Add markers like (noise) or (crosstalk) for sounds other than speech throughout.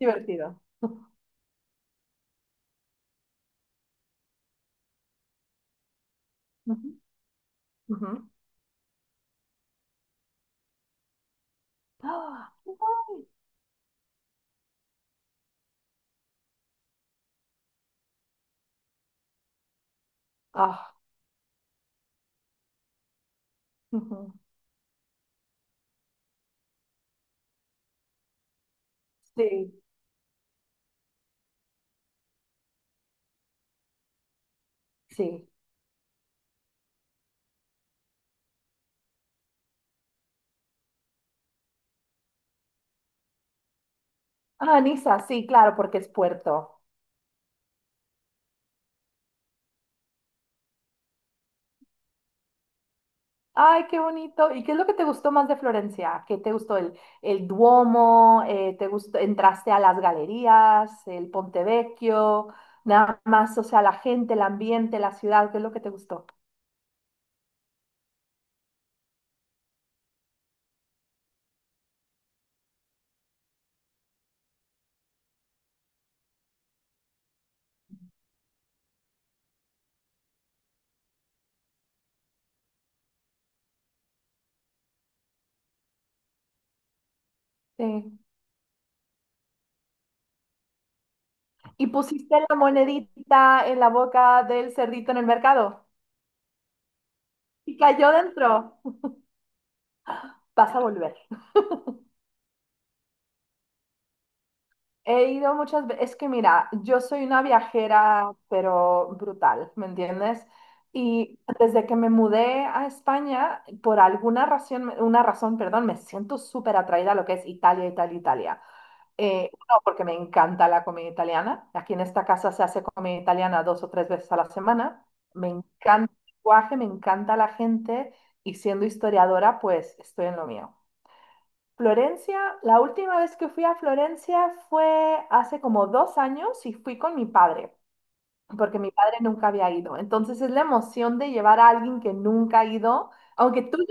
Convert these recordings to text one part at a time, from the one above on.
Divertido. Ujú, ujú. Ah, ay, ah, ujú. Sí, sí. Ah, Niza, sí, claro, porque es puerto. Ay, qué bonito. ¿Y qué es lo que te gustó más de Florencia? ¿Qué te gustó el Duomo? ¿Te gustó, entraste a las galerías, el Ponte Vecchio? Nada más, o sea, la gente, el ambiente, la ciudad, ¿qué es lo que te gustó? Sí. ¿Y pusiste la monedita en la boca del cerdito en el mercado? Y cayó dentro. Vas a volver. (laughs) He ido muchas veces, es que mira, yo soy una viajera, pero brutal, ¿me entiendes? Y desde que me mudé a España, por alguna razón, una razón, perdón, me siento súper atraída a lo que es Italia, Italia, Italia. Uno, porque me encanta la comida italiana. Aquí en esta casa se hace comida italiana 2 o 3 veces a la semana. Me encanta el lenguaje, me encanta la gente y siendo historiadora, pues estoy en lo mío. Florencia, la última vez que fui a Florencia fue hace como 2 años y fui con mi padre, porque mi padre nunca había ido. Entonces es la emoción de llevar a alguien que nunca ha ido, aunque tú no,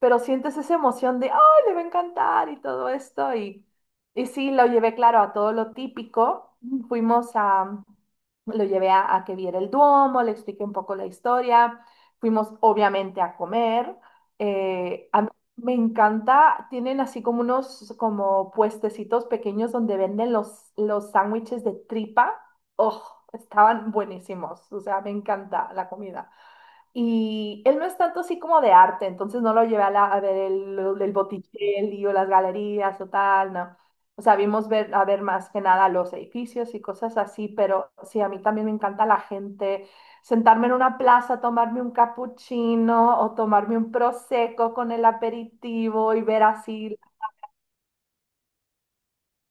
pero sientes esa emoción de, ¡ay, le va a encantar! Y todo esto. Y sí, lo llevé, claro, a todo lo típico. Fuimos a, lo llevé a, que viera el Duomo, le expliqué un poco la historia, fuimos obviamente a comer. A mí me encanta, tienen así como unos como puestecitos pequeños donde venden los sándwiches de tripa. ¡Oh! Estaban buenísimos, o sea, me encanta la comida. Y él no es tanto así como de arte, entonces no lo llevé a, a ver el, Botticelli o las galerías o tal, no. O sea, a ver más que nada los edificios y cosas así, pero sí, a mí también me encanta la gente, sentarme en una plaza, tomarme un cappuccino o tomarme un prosecco con el aperitivo y ver así,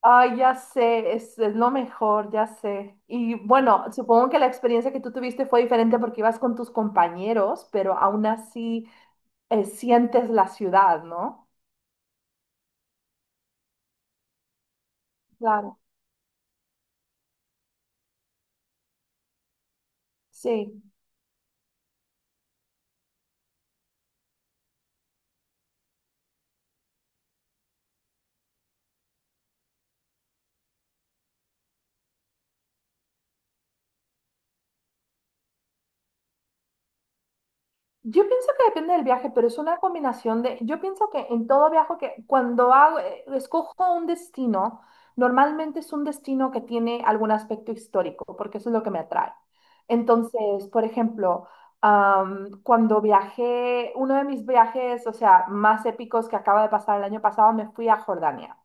ay, ya sé, es lo mejor, ya sé. Y bueno, supongo que la experiencia que tú tuviste fue diferente porque ibas con tus compañeros, pero aún así sientes la ciudad, ¿no? Claro, sí. Yo pienso que depende del viaje, pero es una combinación de, yo pienso que en todo viaje que cuando hago, escojo un destino, normalmente es un destino que tiene algún aspecto histórico, porque eso es lo que me atrae. Entonces, por ejemplo, cuando viajé, uno de mis viajes, o sea, más épicos que acaba de pasar el año pasado, me fui a Jordania.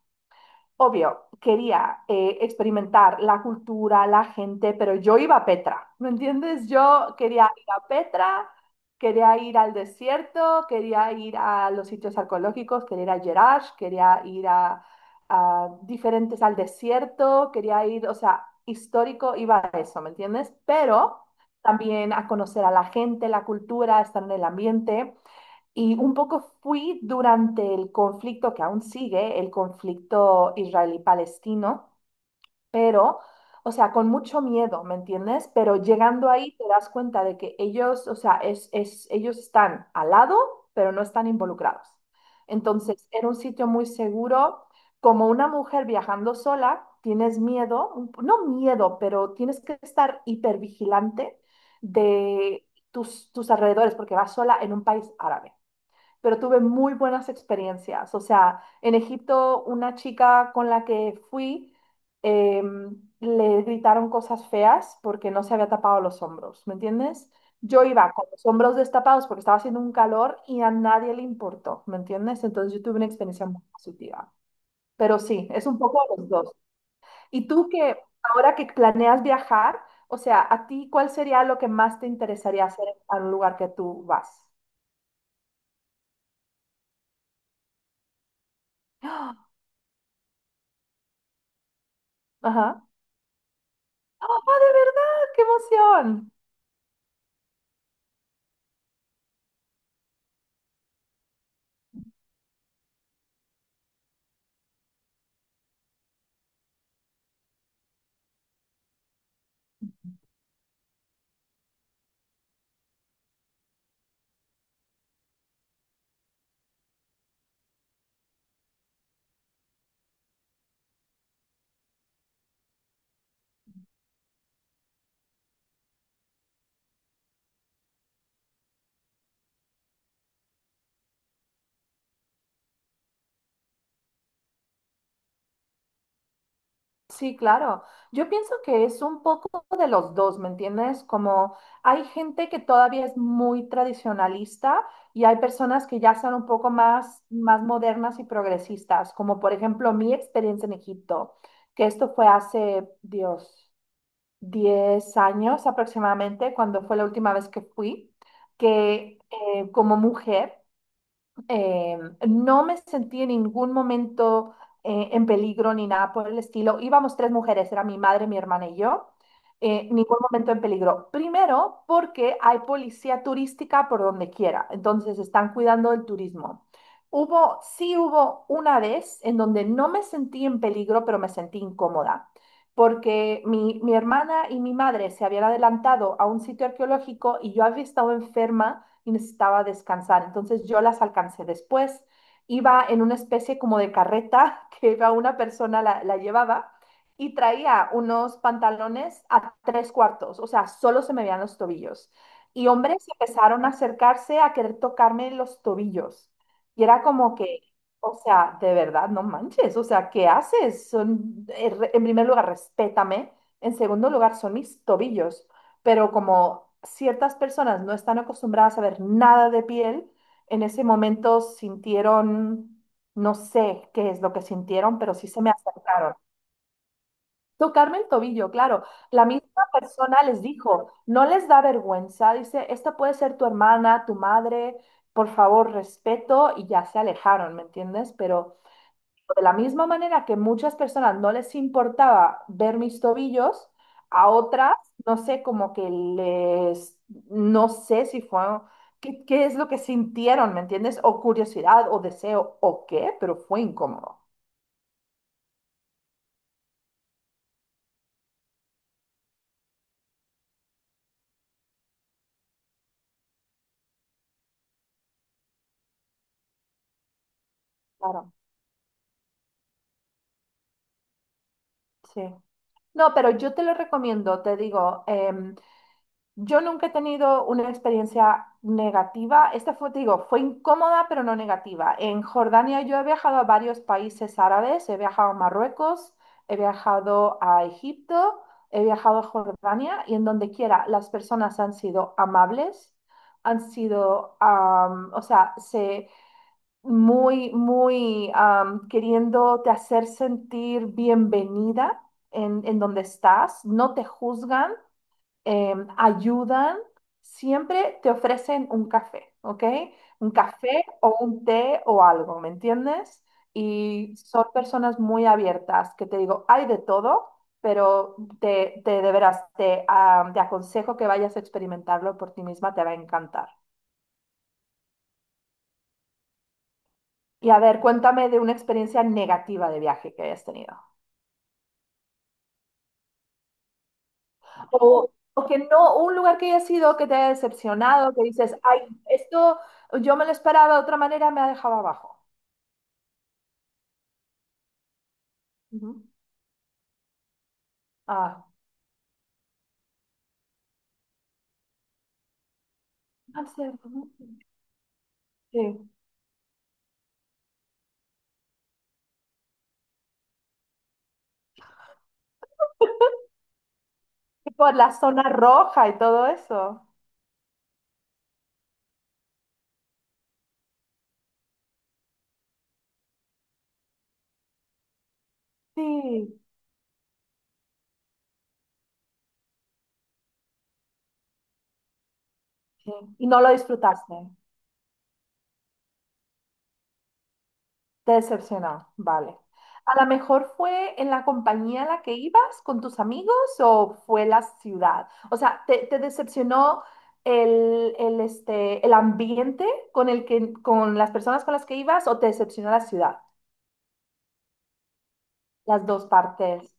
Obvio, quería experimentar la cultura, la gente, pero yo iba a Petra, ¿me entiendes? Yo quería ir a Petra, quería ir al desierto, quería ir a los sitios arqueológicos, quería ir a Jerash, quería ir a diferentes al desierto, quería ir, o sea, histórico, iba a eso, ¿me entiendes? Pero también a conocer a la gente, la cultura, estar en el ambiente. Y un poco fui durante el conflicto que aún sigue, el conflicto israelí-palestino, pero, o sea, con mucho miedo, ¿me entiendes? Pero llegando ahí te das cuenta de que ellos, o sea, ellos están al lado, pero no están involucrados. Entonces, era un sitio muy seguro. Como una mujer viajando sola, tienes miedo, un no miedo, pero tienes que estar hipervigilante de tus alrededores porque vas sola en un país árabe, pero tuve muy buenas experiencias. O sea, en Egipto, una chica con la que fui, le gritaron cosas feas porque no se había tapado los hombros, ¿me entiendes? Yo iba con los hombros destapados porque estaba haciendo un calor y a nadie le importó, ¿me entiendes? Entonces yo tuve una experiencia muy positiva. Pero sí, es un poco los dos. Y tú que Ahora que planeas viajar, o sea, ¿a ti cuál sería lo que más te interesaría hacer en un lugar que tú vas? (gasps) Ajá. ¡Ah, de verdad! ¡Qué emoción! Sí, claro. Yo pienso que es un poco de los dos, ¿me entiendes? Como hay gente que todavía es muy tradicionalista y hay personas que ya son un poco más, más modernas y progresistas, como por ejemplo mi experiencia en Egipto, que esto fue hace, Dios, 10 años aproximadamente, cuando fue la última vez que fui, que como mujer, Eh, no me sentí en ningún momento en peligro ni nada por el estilo. Íbamos tres mujeres, era mi madre, mi hermana y yo. Ningún momento en peligro. Primero, porque hay policía turística por donde quiera, entonces están cuidando el turismo. Hubo, sí hubo una vez en donde no me sentí en peligro, pero me sentí incómoda, porque mi hermana y mi madre se habían adelantado a un sitio arqueológico y yo había estado enferma y necesitaba descansar. Entonces yo las alcancé después. Iba en una especie como de carreta (laughs) que iba una persona, la llevaba, y traía unos pantalones a tres cuartos, o sea, solo se me veían los tobillos. Y hombres empezaron a acercarse a querer tocarme los tobillos. Y era como que, o sea, de verdad, no manches, o sea, ¿qué haces? En primer lugar, respétame. En segundo lugar, son mis tobillos, pero como ciertas personas no están acostumbradas a ver nada de piel, en ese momento sintieron, no sé qué es lo que sintieron, pero sí se me acercaron. Tocarme el tobillo, claro. La misma persona les dijo, no les da vergüenza, dice, esta puede ser tu hermana, tu madre, por favor, respeto, y ya se alejaron, ¿me entiendes? Pero de la misma manera que muchas personas no les importaba ver mis tobillos, a otras, no sé, como que les, no sé si fue, qué es lo que sintieron, ¿me entiendes? O curiosidad o deseo o qué, pero fue incómodo. Claro, sí. No, pero yo te lo recomiendo, te digo, yo nunca he tenido una experiencia negativa. Esta fue, te digo, fue incómoda, pero no negativa. En Jordania yo he viajado a varios países árabes, he viajado a Marruecos, he viajado a Egipto, he viajado a Jordania y en donde quiera las personas han sido amables, han sido, o sea, se, muy, muy queriéndote hacer sentir bienvenida en donde estás, no te juzgan, ayudan, siempre te ofrecen un café, ¿ok? Un café o un té o algo, ¿me entiendes? Y son personas muy abiertas, que te digo, hay de todo, pero te de veras, te aconsejo que vayas a experimentarlo por ti misma, te va a encantar. Y a ver, cuéntame de una experiencia negativa de viaje que hayas tenido. O que no, un lugar que hayas ido que te haya decepcionado, que dices, ay, esto yo me lo esperaba de otra manera, me ha dejado abajo. Ujú. Ah, cierto, ¿no? Sí. Y por la zona roja y todo eso. Sí, sí. Y no lo disfrutaste. Te decepcionó. Vale. ¿A lo mejor fue en la compañía a la que ibas con tus amigos o fue la ciudad? O sea, ¿te, te decepcionó el, el ambiente con el que, con las personas con las que ibas o te decepcionó la ciudad? Las dos partes.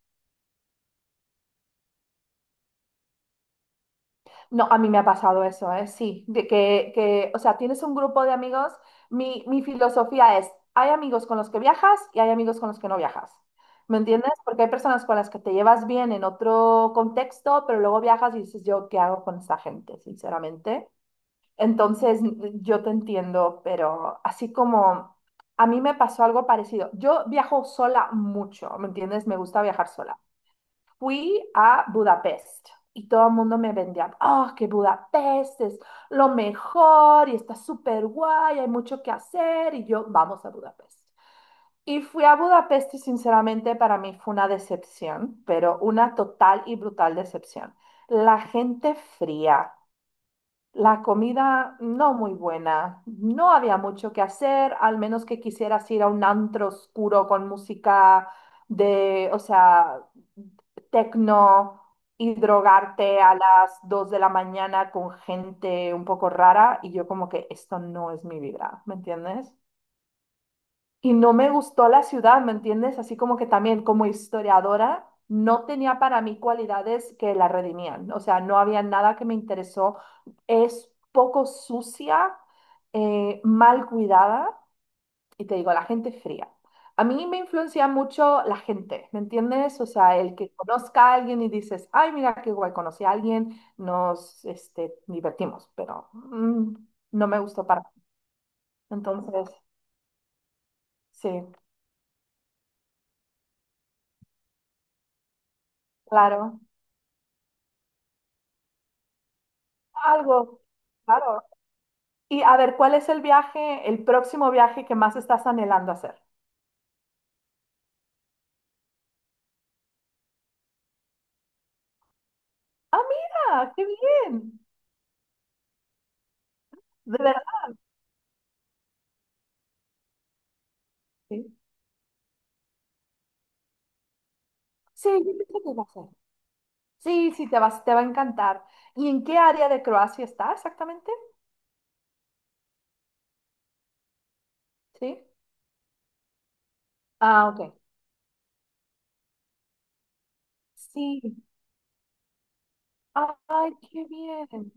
No, a mí me ha pasado eso, ¿eh? Sí, de o sea, tienes un grupo de amigos. Mi filosofía es, hay amigos con los que viajas y hay amigos con los que no viajas. ¿Me entiendes? Porque hay personas con las que te llevas bien en otro contexto, pero luego viajas y dices, yo, ¿qué hago con esta gente, sinceramente? Entonces, yo te entiendo, pero así como a mí me pasó algo parecido. Yo viajo sola mucho, ¿me entiendes? Me gusta viajar sola. Fui a Budapest y todo el mundo me vendía, oh, que Budapest es lo mejor y está súper guay, hay mucho que hacer y yo, vamos a Budapest. Y fui a Budapest y sinceramente para mí fue una decepción, pero una total y brutal decepción. La gente fría, la comida no muy buena. No había mucho que hacer, al menos que quisieras ir a un antro oscuro con música de, o sea, tecno, y drogarte a las 2 de la mañana con gente un poco rara. Y yo como que esto no es mi vibra, ¿me entiendes? Y no me gustó la ciudad, ¿me entiendes? Así como que también como historiadora no tenía para mí cualidades que la redimían. O sea, no había nada que me interesó. Es poco sucia, mal cuidada, y te digo, la gente fría. A mí me influencia mucho la gente, ¿me entiendes? O sea, el que conozca a alguien y dices, ay, mira qué guay, conocí a alguien, nos este, divertimos, pero no me gustó para. Entonces, sí, claro. Algo, claro. Y a ver, ¿cuál es el viaje, el próximo viaje que más estás anhelando hacer? Ah, mira, qué bien. De verdad. Sí, sí, yo pienso que va a ser. Sí, sí, te vas, te va a encantar. ¿Y en qué área de Croacia está exactamente? Sí. Ah, ok. Sí. Ay, qué bien.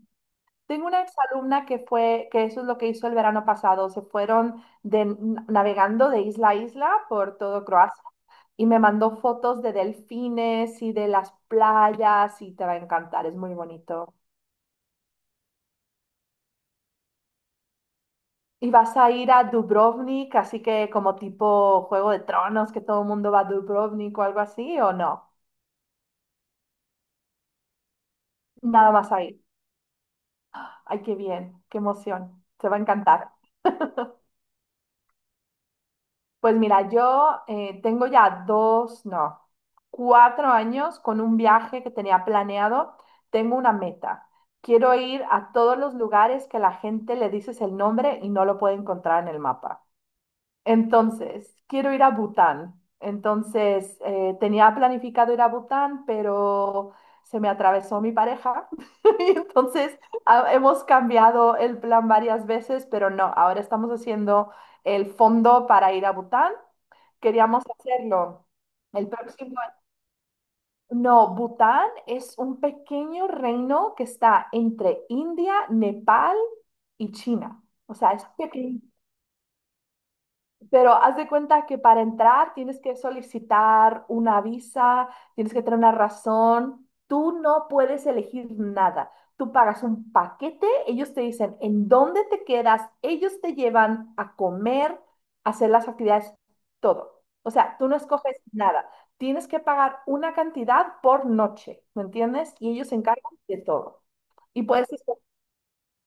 Tengo una exalumna que fue, que eso es lo que hizo el verano pasado. Se fueron de, navegando de isla a isla por todo Croacia, y me mandó fotos de delfines y de las playas y te va a encantar, es muy bonito. Y vas a ir a Dubrovnik, así que como tipo Juego de Tronos, que todo el mundo va a Dubrovnik o algo así, ¿o no? Nada más ahí. Ay, qué bien, qué emoción. Te va a encantar. Pues mira, yo tengo ya dos, no, 4 años con un viaje que tenía planeado. Tengo una meta. Quiero ir a todos los lugares que la gente le dices el nombre y no lo puede encontrar en el mapa. Entonces, quiero ir a Bután. Entonces, tenía planificado ir a Bután, pero se me atravesó mi pareja. (laughs) Y entonces, hemos cambiado el plan varias veces, pero no, ahora estamos haciendo el fondo para ir a Bután. Queríamos hacerlo el próximo. No, Bután es un pequeño reino que está entre India, Nepal y China. O sea, es pequeño. Pero haz de cuenta que para entrar tienes que solicitar una visa, tienes que tener una razón. Tú no puedes elegir nada. Tú pagas un paquete, ellos te dicen en dónde te quedas, ellos te llevan a comer, a hacer las actividades, todo. O sea, tú no escoges nada. Tienes que pagar una cantidad por noche, ¿me entiendes? Y ellos se encargan de todo. Y puedes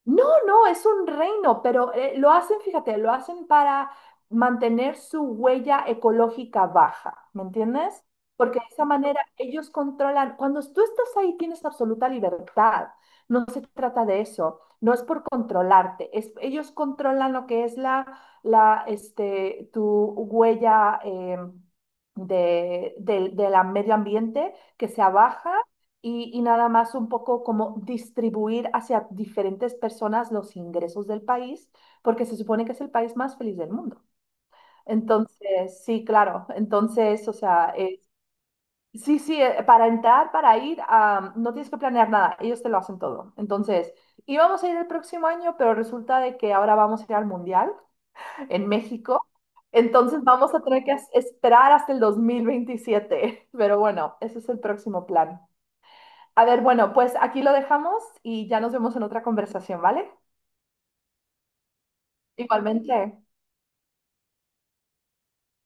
no, no, es un reino, pero lo hacen, fíjate, lo hacen para mantener su huella ecológica baja, ¿me entiendes? Porque de esa manera ellos controlan, cuando tú estás ahí tienes absoluta libertad, no se trata de eso, no es por controlarte, es, ellos controlan lo que es la, tu huella de, del medio ambiente, que sea baja, y nada más un poco como distribuir hacia diferentes personas los ingresos del país, porque se supone que es el país más feliz del mundo. Entonces, sí, claro, entonces, o sea, sí, sí, para entrar, para ir, ah, no tienes que planear nada, ellos te lo hacen todo. Entonces, íbamos a ir el próximo año, pero resulta de que ahora vamos a ir al Mundial en México. Entonces vamos a tener que esperar hasta el 2027, (laughs) pero bueno, ese es el próximo plan. A ver, bueno, pues aquí lo dejamos y ya nos vemos en otra conversación, ¿vale? Igualmente.